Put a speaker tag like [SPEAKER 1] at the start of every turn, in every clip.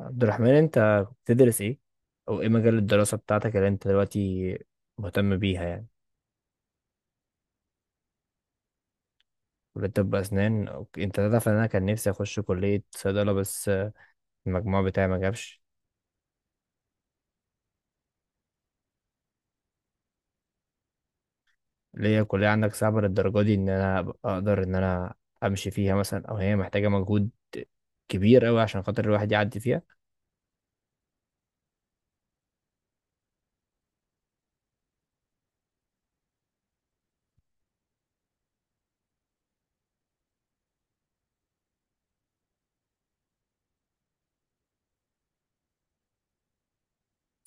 [SPEAKER 1] عبد الرحمن، انت بتدرس ايه؟ او ايه مجال الدراسة بتاعتك اللي انت دلوقتي مهتم بيها يعني؟ كلية طب اسنان، اوكي، انت تعرف ان انا كان نفسي اخش كلية صيدلة بس المجموع بتاعي ما جابش. ليه الكلية عندك صعبة للدرجة دي ان انا أبقى اقدر ان انا امشي فيها مثلا، او هي محتاجة مجهود كبير قوي عشان خاطر الواحد يعدي فيها؟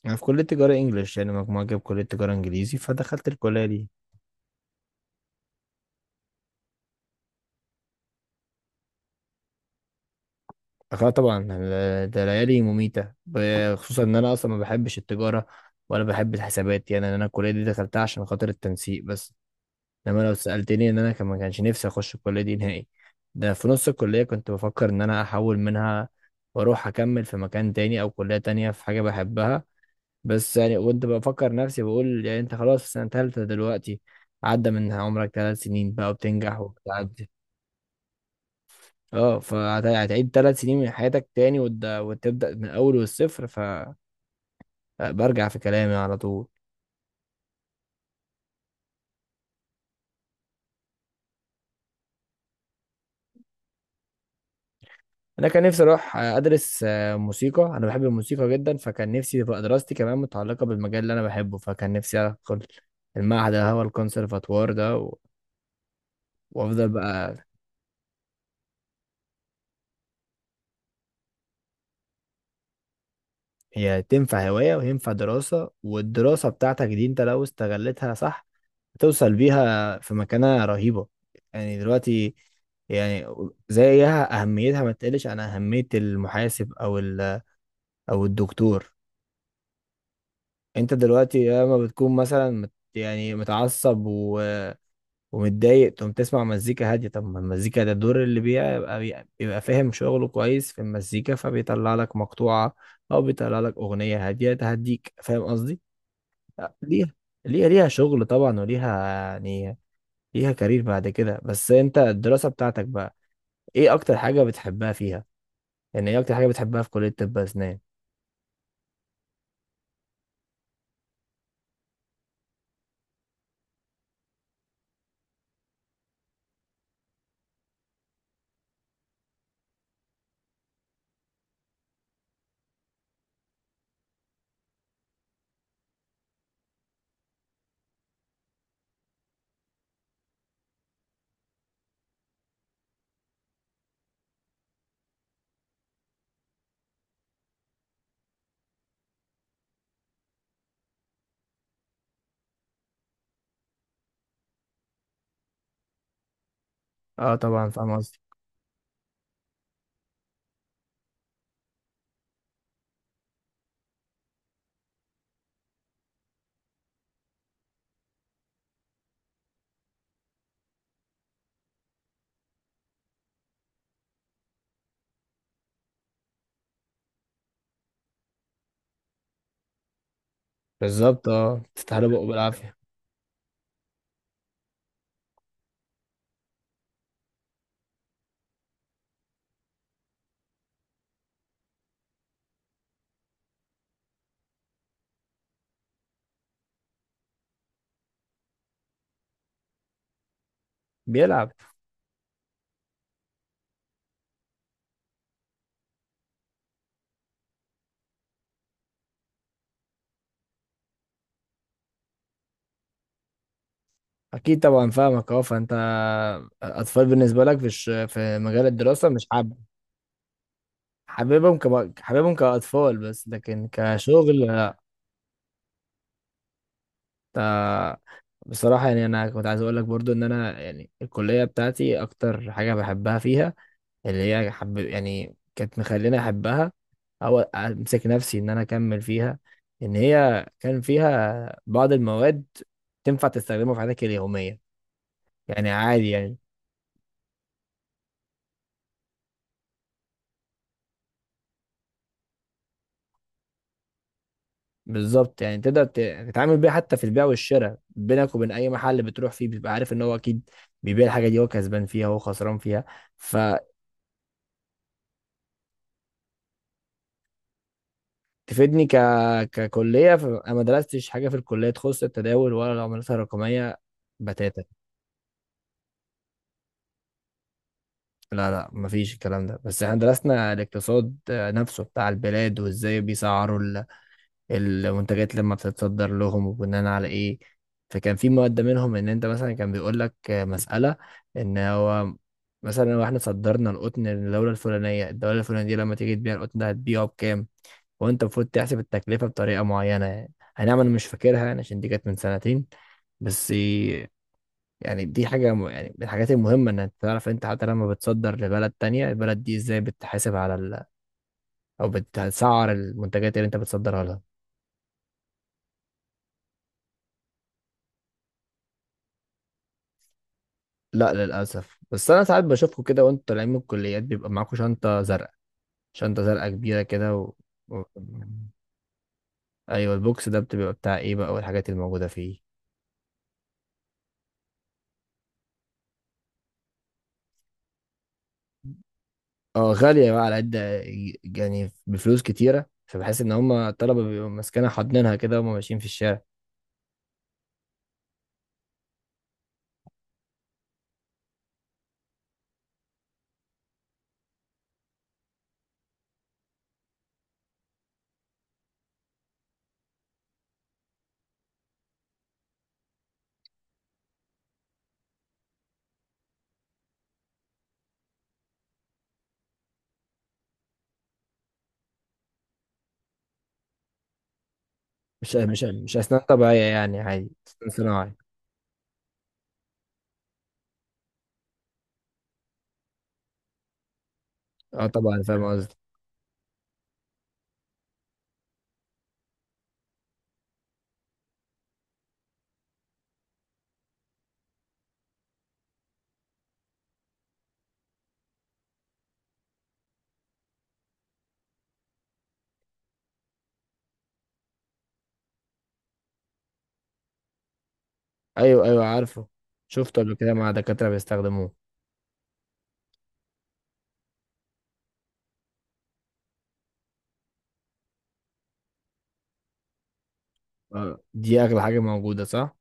[SPEAKER 1] انا في كلية تجارة انجليش، يعني مجموعة جاب كلية تجارة انجليزي فدخلت الكلية دي. اه طبعا، ده ليالي مميتة خصوصا ان انا اصلا ما بحبش التجارة ولا بحب الحسابات، يعني انا الكلية دي دخلتها عشان خاطر التنسيق بس. انما لو سألتني ان انا كان ما كانش نفسي اخش الكلية دي نهائي. ده في نص الكلية كنت بفكر ان انا احول منها واروح اكمل في مكان تاني او كلية تانية في حاجة بحبها. بس يعني كنت بفكر نفسي بقول يعني انت خلاص في سنة تالتة دلوقتي، عدى من عمرك 3 سنين بقى وبتنجح وبتعدي. اه، فهتعيد 3 سنين من حياتك تاني وتبدأ من الأول والصفر، فبرجع في كلامي على طول. أنا كان نفسي أروح أدرس موسيقى. أنا بحب الموسيقى جدا، فكان نفسي تبقى دراستي كمان متعلقة بالمجال اللي أنا بحبه، فكان نفسي أدخل المعهد اللي هو الكونسرفاتوار ده وأفضل بقى. هي تنفع هواية وينفع دراسة، والدراسة بتاعتك دي أنت لو استغلتها صح هتوصل بيها في مكانة رهيبة. يعني دلوقتي يعني، زيها أهميتها ما تقلش عن أهمية المحاسب أو الدكتور. أنت دلوقتي لما بتكون مثلا يعني متعصب و ومتضايق تقوم تسمع مزيكا هادية. طب ما المزيكا ده الدور اللي بيبقى فاهم شغله كويس في المزيكا، فبيطلع لك مقطوعة أو بيطلع لك أغنية هادية تهديك، فاهم قصدي؟ ليها ليها شغل طبعا، وليها يعني ليها كارير بعد كده. بس انت الدراسة بتاعتك بقى، ايه اكتر حاجة بتحبها فيها؟ يعني ايه اكتر حاجة بتحبها في كلية طب اسنان؟ اه طبعا فاهم قصدي. بالظبط، اه، تستاهل بقه بالعافية. بيلعب. اكيد طبعا فاهمك. اه، فانت اطفال بالنسبة لك في مجال الدراسة مش حابب؟ حاببهم كاطفال، بس لكن كشغل؟ آه، بصراحة يعني انا كنت عايز اقول لك برضو ان انا يعني الكلية بتاعتي اكتر حاجة بحبها فيها اللي هي حب، يعني كانت مخليني احبها او امسك نفسي ان انا اكمل فيها، ان هي كان فيها بعض المواد تنفع تستخدمها في حياتك اليوميه. يعني عادي يعني. بالظبط، يعني تقدر تتعامل بيها حتى في البيع والشراء، بينك وبين اي محل بتروح فيه بيبقى عارف ان هو اكيد بيبيع الحاجه دي، هو كسبان فيها هو خسران فيها. فتفيدني ككليه. فانا ما درستش حاجه في الكليه تخص التداول ولا العملات الرقميه بتاتا. لا، لا، مفيش الكلام ده. بس احنا درسنا الاقتصاد نفسه بتاع البلاد وازاي بيسعروا المنتجات لما بتتصدر لهم وبناء على ايه. فكان في مادة منهم ان انت مثلا كان بيقول لك مسألة، ان هو مثلا لو احنا صدرنا القطن للدولة الفلانية، الدولة الفلانية دي لما تيجي تبيع القطن ده هتبيعه بكام؟ وانت المفروض تحسب التكلفة بطريقة معينة، يعني هنعمل مش فاكرها يعني، عشان دي كانت من سنتين بس. يعني دي حاجة يعني من الحاجات المهمة إنك تعرف أنت حتى لما بتصدر لبلد تانية، البلد دي إزاي بتحاسب على أو بتسعر المنتجات اللي أنت بتصدرها لها. لا للأسف. بس أنا ساعات بشوفكم كده وأنتوا طالعين من الكليات بيبقى معاكم شنطة زرقاء كبيرة كده، و... أيوة البوكس ده بتبقى بتاع إيه بقى والحاجات الموجودة فيه؟ أه، غالية بقى على قد يعني بفلوس كتيرة، فبحس إن هما الطلبة بيبقوا ماسكينها حاضنينها كده وهما ماشيين في الشارع. مش أسنان طبيعية، يعني عادي أسنان صناعي. اه طبعا فاهم قصدي. ايوه، ايوه، عارفه. شفته قبل كده مع دكاترة بيستخدموه. دي اغلى حاجة موجودة صح؟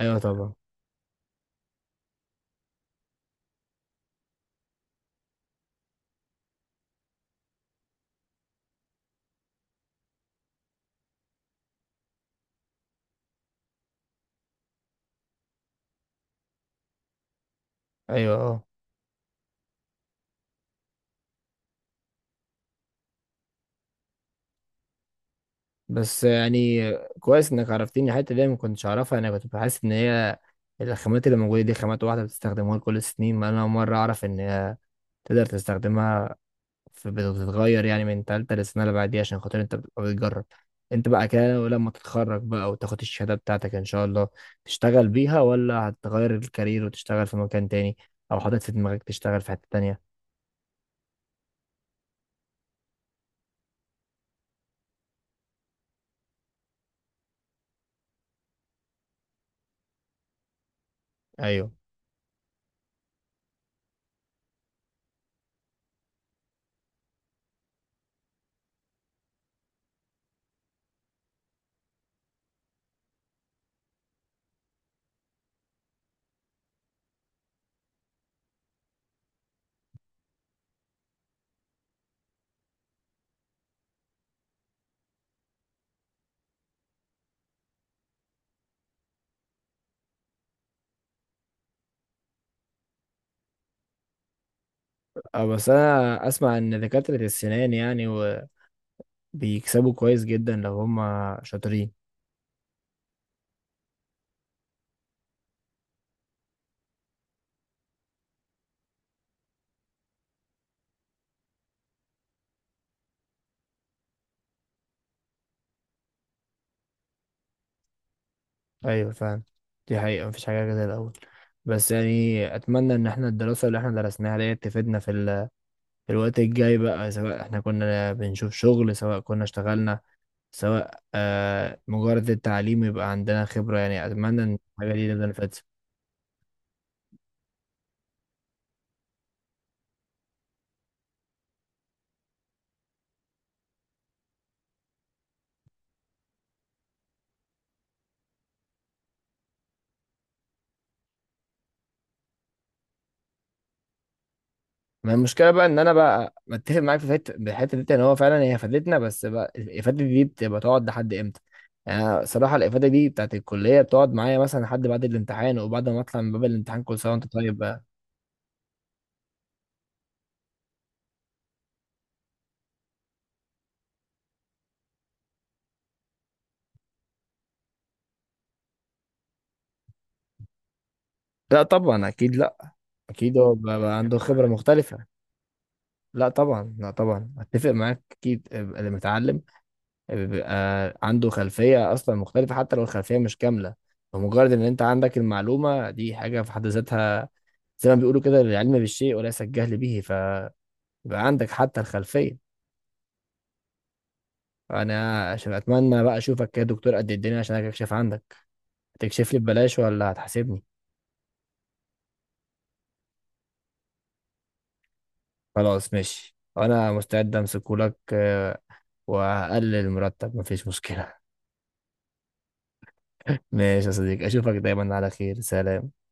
[SPEAKER 1] ايوه طبعا. ايوه، اه. بس يعني كويس انك عرفتيني الحتة دي، أنا ما كنتش اعرفها. انا كنت بحس ان هي الخامات اللي موجودة دي خامات واحدة بتستخدموها لكل السنين، ما انا اول مرة اعرف ان هي تقدر تستخدمها فبتتغير يعني من تالتة للسنة اللي بعديها عشان خاطر انت بتبقى بتجرب. انت بقى كده ولما تتخرج بقى وتاخد الشهادة بتاعتك ان شاء الله، تشتغل بيها ولا هتغير الكارير وتشتغل في مكان تاني، او حاطط في دماغك تشتغل في حتة تانية؟ ايوه. اه، بس انا اسمع ان دكاترة السنان يعني بيكسبوا كويس جدا لو هم شاطرين. ايوه فعلا. دي حقيقة مفيش حاجة زي الاول. بس يعني اتمنى ان احنا الدراسة اللي احنا درسناها ديت تفيدنا في الوقت الجاي بقى، سواء احنا كنا بنشوف شغل، سواء كنا اشتغلنا، سواء مجرد التعليم يبقى عندنا خبرة، يعني أتمنى إن الحاجة دي تفضل فاتت. ما المشكلة بقى إن أنا بقى متفق معاك في الحتة دي إن هو فعلا هي فادتنا، بس بقى الإفادة دي بتبقى تقعد لحد إمتى؟ يعني أنا صراحة الإفادة دي بتاعت الكلية بتقعد معايا مثلا لحد بعد الامتحان، وبعد ما أطلع من باب الامتحان كل سنة وأنت طيب بقى. لا طبعا، أكيد لا. أكيد هو بقى عنده خبرة مختلفة. لا طبعا، لا طبعا، أتفق معاك. أكيد اللي متعلم بيبقى عنده خلفية أصلا مختلفة حتى لو الخلفية مش كاملة، فمجرد إن أنت عندك المعلومة دي حاجة في حد ذاتها. زي ما بيقولوا كده: العلم بالشيء وليس الجهل به، فيبقى عندك حتى الخلفية. أنا عشان أتمنى بقى أشوفك كده دكتور قد الدنيا عشان أكشف عندك. هتكشف لي ببلاش ولا هتحاسبني؟ خلاص ماشي، أنا مستعد أمسكهولك وهقلل المرتب مفيش مشكلة. ماشي يا صديقي، أشوفك دايما على خير. سلام.